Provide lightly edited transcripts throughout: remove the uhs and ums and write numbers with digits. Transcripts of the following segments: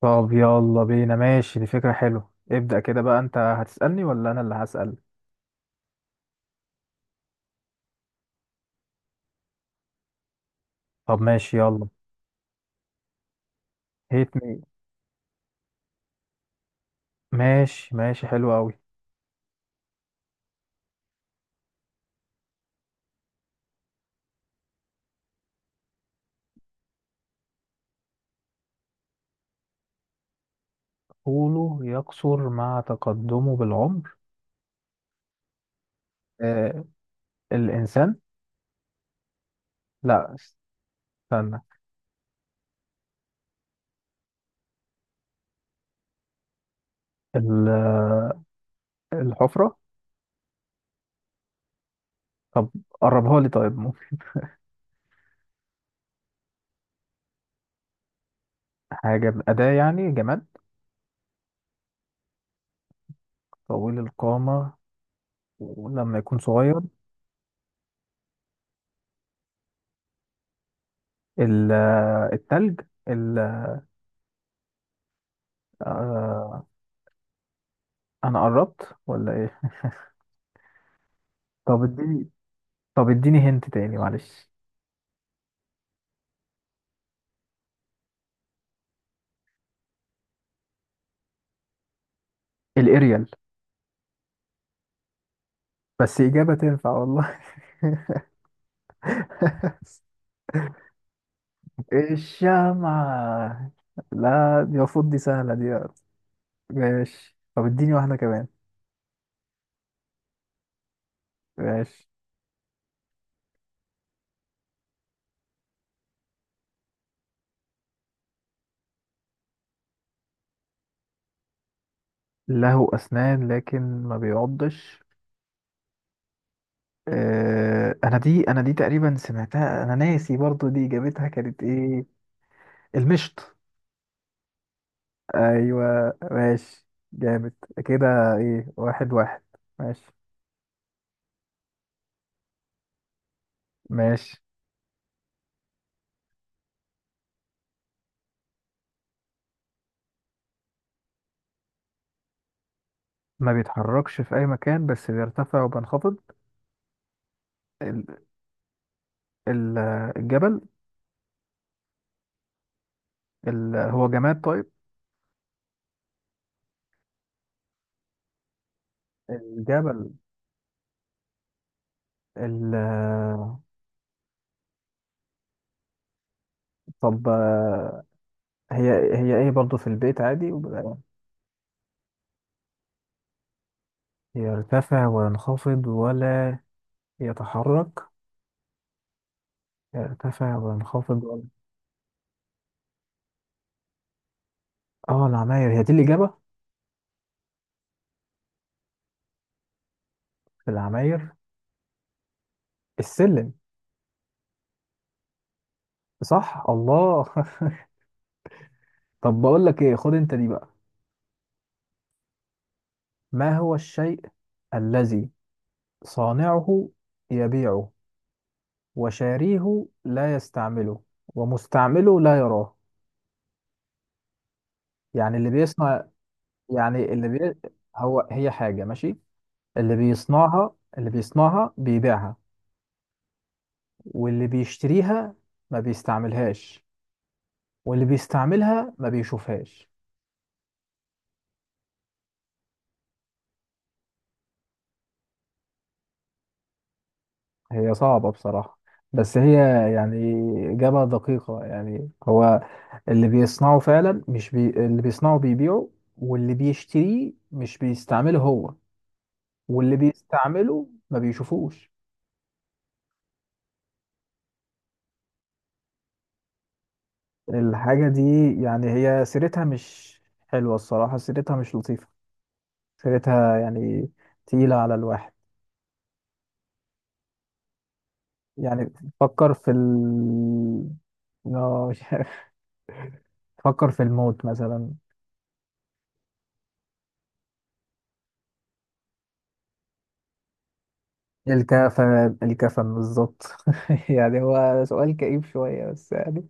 طب يلا بينا، ماشي، دي فكرة حلوة. ابدأ كده بقى، انت هتسألني ولا انا اللي هسأل؟ طب ماشي يلا. هيت مي. ماشي، ماشي، حلو قوي. طوله يقصر مع تقدمه بالعمر. آه. الإنسان. لا. استنى. ال- الحفرة. طب قربها لي، طيب؟ ممكن. حاجة أداة يعني جماد. طويل القامة ولما يكون صغير. ال- التلج. ال- آه أنا قربت ولا إيه؟ طب اديني طب اديني هنت تاني، معلش. الاريال. بس إجابة تنفع والله. الشمعة. لا، دي المفروض دي سهلة دي. ماشي. طب اديني واحدة كمان. ماشي. له أسنان لكن ما بيعضش. آه، أنا دي تقريبا سمعتها، أنا ناسي برضو دي إجابتها كانت إيه. المشط. أيوة ماشي. جامد كده. إيه، واحد واحد. ماشي، ماشي. ما بيتحركش في أي مكان، بس بيرتفع وبينخفض. ال- ال- الجبل. هو جماد، طيب؟ الجبل. ال... طب، آه، هي هي ايه برضو، في البيت عادي يرتفع وينخفض ولا يتحرك، يرتفع وينخفض ولا. اه، العماير هي دي الإجابة؟ العماير. السلم. صح، الله. طب بقول لك ايه، خد انت دي بقى. ما هو الشيء الذي صانعه يبيعه، وشاريه لا يستعمله، ومستعمله لا يراه؟ يعني اللي بيصنع، يعني اللي بي... هي حاجة ماشي، اللي بيصنعها بيبيعها، واللي بيشتريها ما بيستعملهاش، واللي بيستعملها ما بيشوفهاش. هي صعبة بصراحة، بس هي يعني إجابة دقيقة. يعني هو اللي بيصنعه فعلا، مش بي... اللي بيصنعه بيبيعه، واللي بيشتريه مش بيستعمله هو، واللي بيستعمله ما بيشوفوش. الحاجة دي، يعني هي سيرتها مش حلوة. الصراحة سيرتها مش لطيفة. فكرتها يعني تقيلة على الواحد، يعني تفكر في ال آه، مش عارف. تفكر في الموت مثلا. الكفن، الكفن بالظبط. يعني هو سؤال كئيب شوية بس يعني.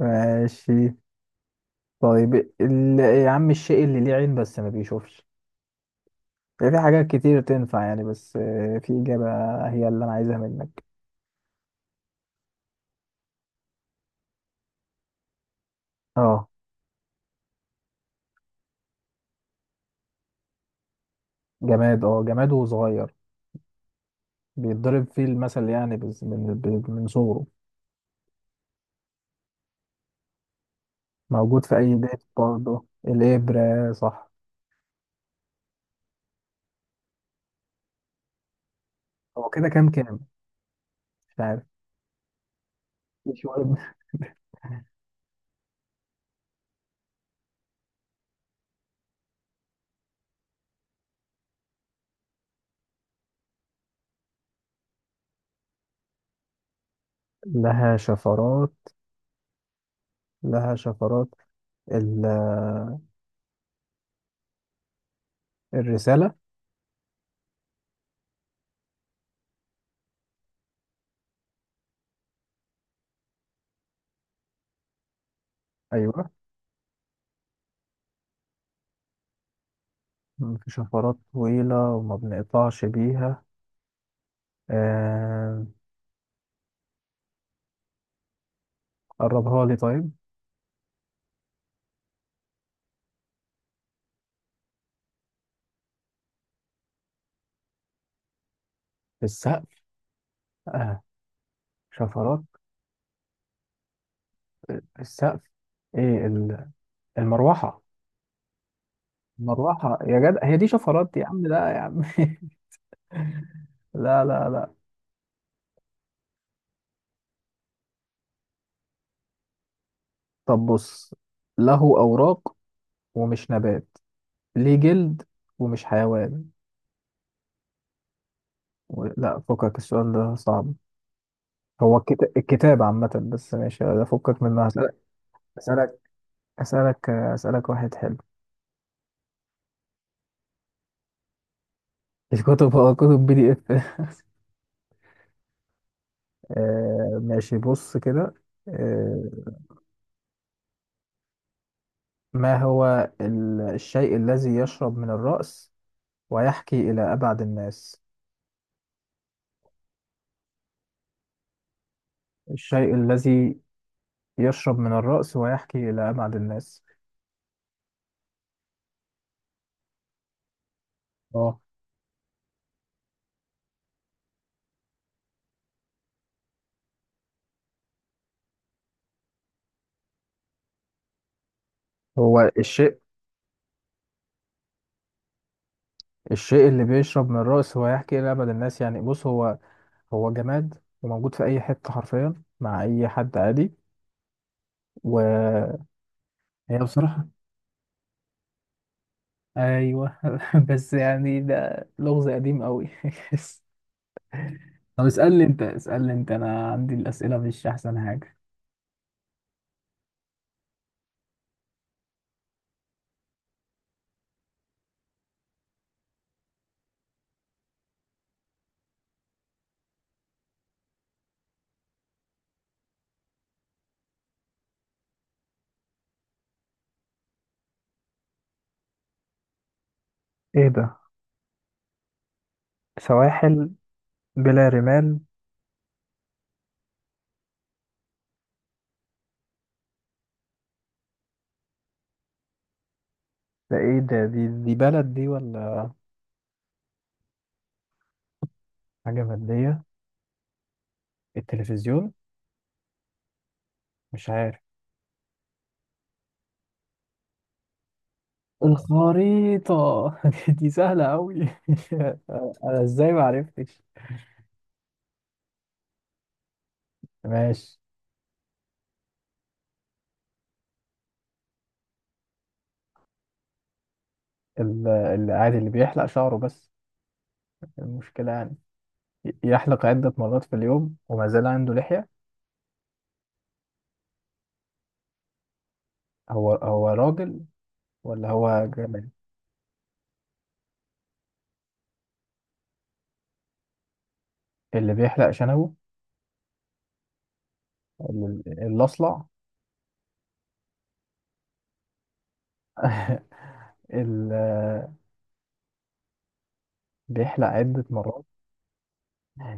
ماشي. طيب. يا عم، الشيء اللي ليه عين بس ما بيشوفش. يعني في حاجات كتير تنفع، يعني بس في إجابة هي اللي أنا عايزها منك. اه جماد، اه جماد وصغير، بيتضرب فيه المثل يعني. بس من صغره. موجود في أي ديت برضه. الإبرة صح؟ هو كده كام كام؟ مش عارف. مش مهم. لها شفرات. لها شفرات ال... الرسالة. أيوة، في شفرات طويلة وما بنقطعش بيها. آه... قربها لي طيب. السقف. آه. شفرات، السقف. إيه، المروحة. المروحة يا جدع، هي دي شفرات يا عم؟ لا يا عم. لا، لا، لا. طب بص، له أوراق ومش نبات، ليه جلد ومش حيوان. لا، فكك السؤال ده صعب. هو الكتاب عامة. بس ماشي ده، فكك منها، أسألك أسألك واحد حلو. الكتب هو كتب PDF. آه ماشي، بص كده. آه. ما هو الشيء الذي يشرب من الرأس ويحكي إلى أبعد الناس. الشيء الذي يشرب من الرأس ويحكي إلى أبعد الناس. اه. هو الشيء اللي بيشرب من الرأس ويحكي إلى أبعد الناس يعني. بص، هو جماد وموجود في اي حته حرفيا، مع اي حد عادي. وهي بصراحه. ايوه. بس يعني ده لغز قديم قوي. طب، اسالني انت، انا عندي الاسئله مش احسن حاجه. ايه ده؟ سواحل بلا رمال. ده ايه ده؟ دي بلد دي ولا حاجه ماديه؟ التلفزيون. مش عارف. الخريطه. دي سهله قوي. انا ازاي ما عرفتش؟ ماشي. العادي اللي بيحلق شعره بس. المشكلة يعني، يحلق عدة مرات في اليوم وما زال عنده لحية. هو راجل ولا هو جمال؟ اللي بيحلق شنبه. الأصلع. اللي بيحلق عدة مرات.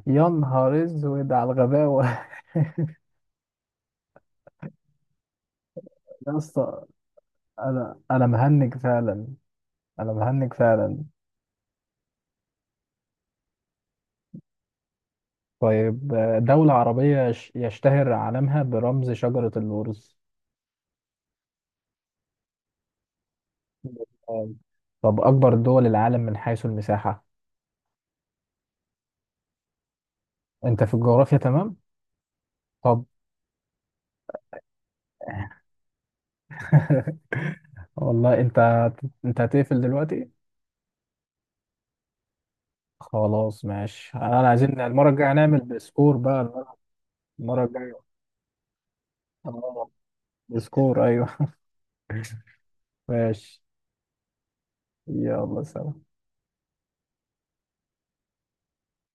يا نهار أسود على الغباوة. يا اسطى، أنا مهنج فعلا. أنا مهنج فعلا. طيب، دولة عربية يشتهر علمها برمز شجرة اللورز. طب أكبر دول العالم من حيث المساحة. أنت في الجغرافيا تمام؟ طب. والله انت هتقفل دلوقتي. خلاص ماشي، انا عايزين المره الجايه نعمل بسكور بقى. المرة الجايه. اه. بسكور. ايوه. ماشي. يلا سلام.